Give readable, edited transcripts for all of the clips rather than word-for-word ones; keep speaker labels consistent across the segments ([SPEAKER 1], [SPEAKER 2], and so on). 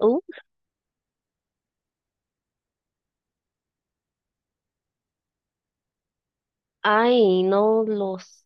[SPEAKER 1] Uh, no lo sé.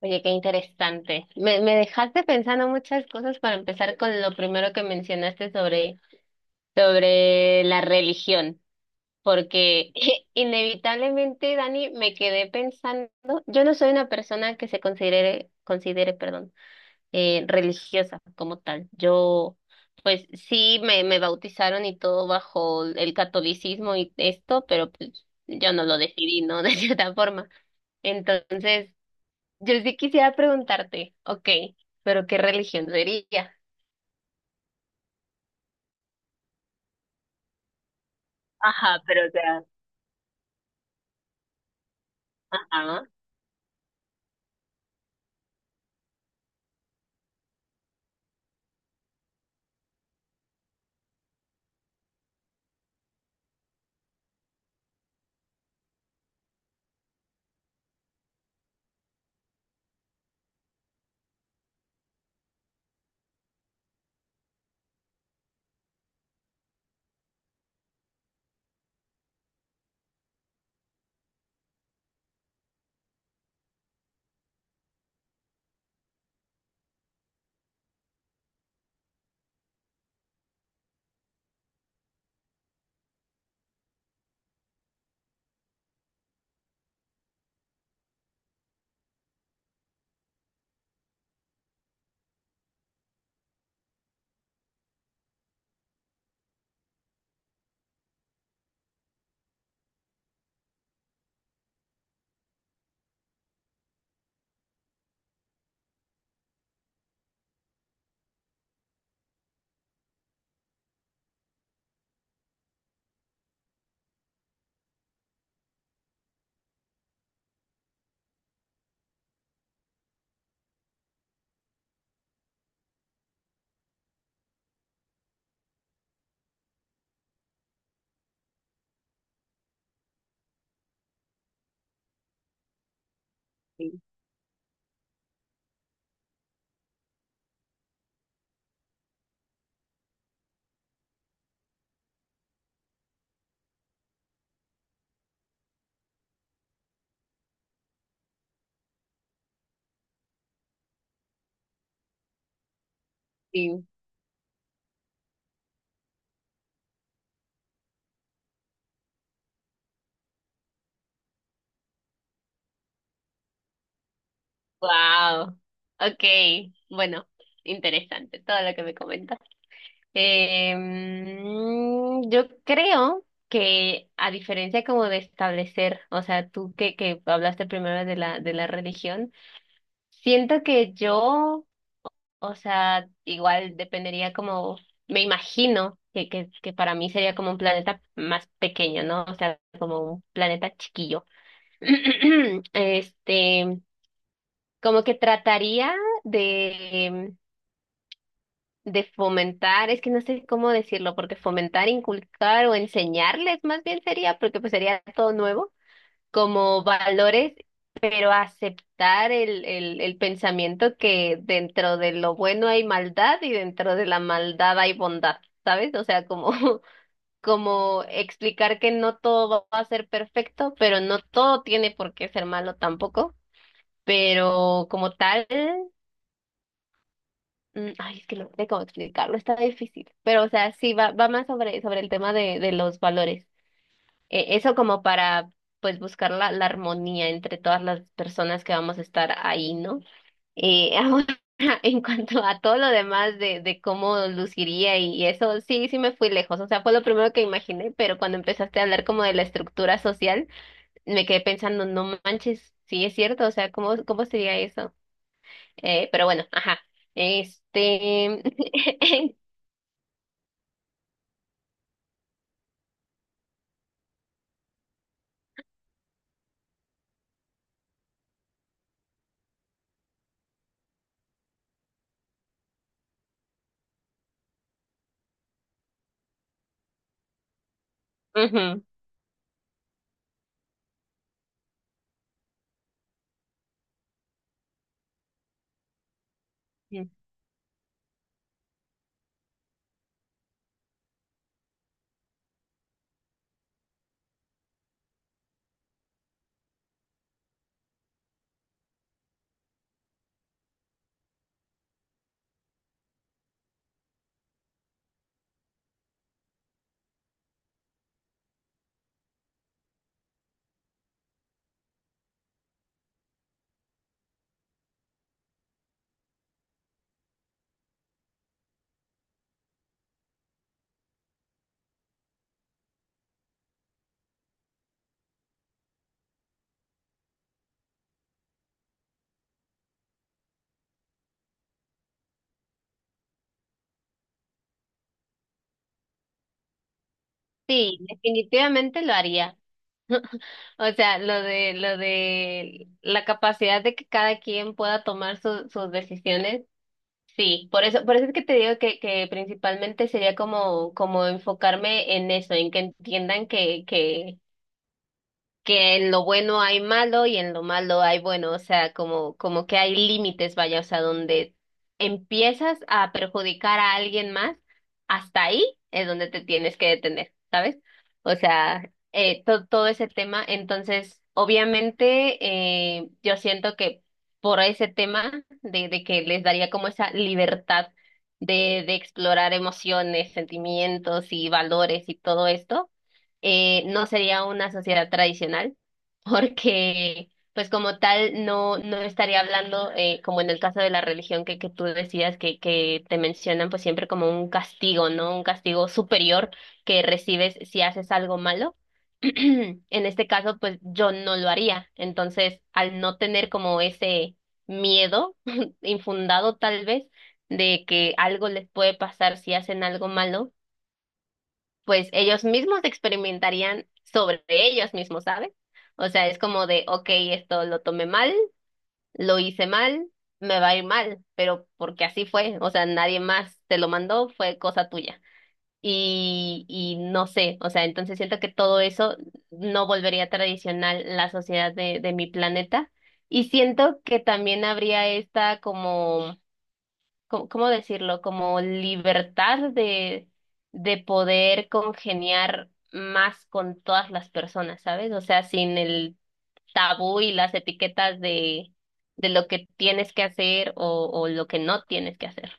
[SPEAKER 1] Oye, qué interesante. Me dejaste pensando muchas cosas. Para empezar con lo primero que mencionaste sobre la religión, porque inevitablemente, Dani, me quedé pensando, yo no soy una persona que se considere, perdón, religiosa como tal. Yo, pues sí, me bautizaron y todo bajo el catolicismo y esto, pero pues yo no lo decidí, ¿no? De cierta forma. Entonces, yo sí quisiera preguntarte, ok, pero ¿qué religión sería? Ajá, pero o sea, ajá, sí. Sí, wow. Ok, bueno, interesante todo lo que me comentas. Yo creo que a diferencia como de establecer, o sea, tú que hablaste primero de de la religión, siento que yo. O sea, igual dependería como, me imagino que para mí sería como un planeta más pequeño, ¿no? O sea, como un planeta chiquillo. Este, como que trataría de, de fomentar, es que no sé cómo decirlo, porque fomentar, inculcar o enseñarles más bien sería, porque pues sería todo nuevo como valores, pero aceptar el pensamiento que dentro de lo bueno hay maldad y dentro de la maldad hay bondad, ¿sabes? O sea, como, como explicar que no todo va a ser perfecto, pero no todo tiene por qué ser malo tampoco. Pero como tal, es que no sé cómo explicarlo, está difícil. Pero, o sea, sí, va más sobre el tema de los valores. Eso como para pues buscar la armonía entre todas las personas que vamos a estar ahí, ¿no? Ahora, en cuanto a todo lo demás de cómo luciría y, eso, sí, sí me fui lejos, o sea, fue lo primero que imaginé, pero cuando empezaste a hablar como de la estructura social, me quedé pensando, no manches, sí es cierto, o sea, cómo sería eso? Pero bueno, ajá, este, ujú. Sí, definitivamente lo haría. O sea, lo de la capacidad de que cada quien pueda tomar sus decisiones, sí. Por eso es que te digo que principalmente sería como, como enfocarme en eso, en que entiendan que en lo bueno hay malo y en lo malo hay bueno, o sea, como, como que hay límites, vaya, o sea, donde empiezas a perjudicar a alguien más, hasta ahí es donde te tienes que detener, ¿sabes? O sea, todo ese tema, entonces, obviamente, yo siento que por ese tema de que les daría como esa libertad de explorar emociones, sentimientos y valores y todo esto. No sería una sociedad tradicional, porque pues como tal no estaría hablando, como en el caso de la religión que tú decías, que te mencionan pues siempre como un castigo, ¿no? Un castigo superior que recibes si haces algo malo. En este caso, pues yo no lo haría. Entonces, al no tener como ese miedo infundado tal vez de que algo les puede pasar si hacen algo malo, pues ellos mismos experimentarían sobre ellos mismos, ¿sabes? O sea, es como de, ok, esto lo tomé mal, lo hice mal, me va a ir mal, pero porque así fue, o sea, nadie más te lo mandó, fue cosa tuya. Y no sé, o sea, entonces siento que todo eso no volvería tradicional la sociedad de mi planeta. Y siento que también habría esta como cómo decirlo? Como libertad de poder congeniar más con todas las personas, ¿sabes? O sea, sin el tabú y las etiquetas de lo que tienes que hacer o lo que no tienes que hacer.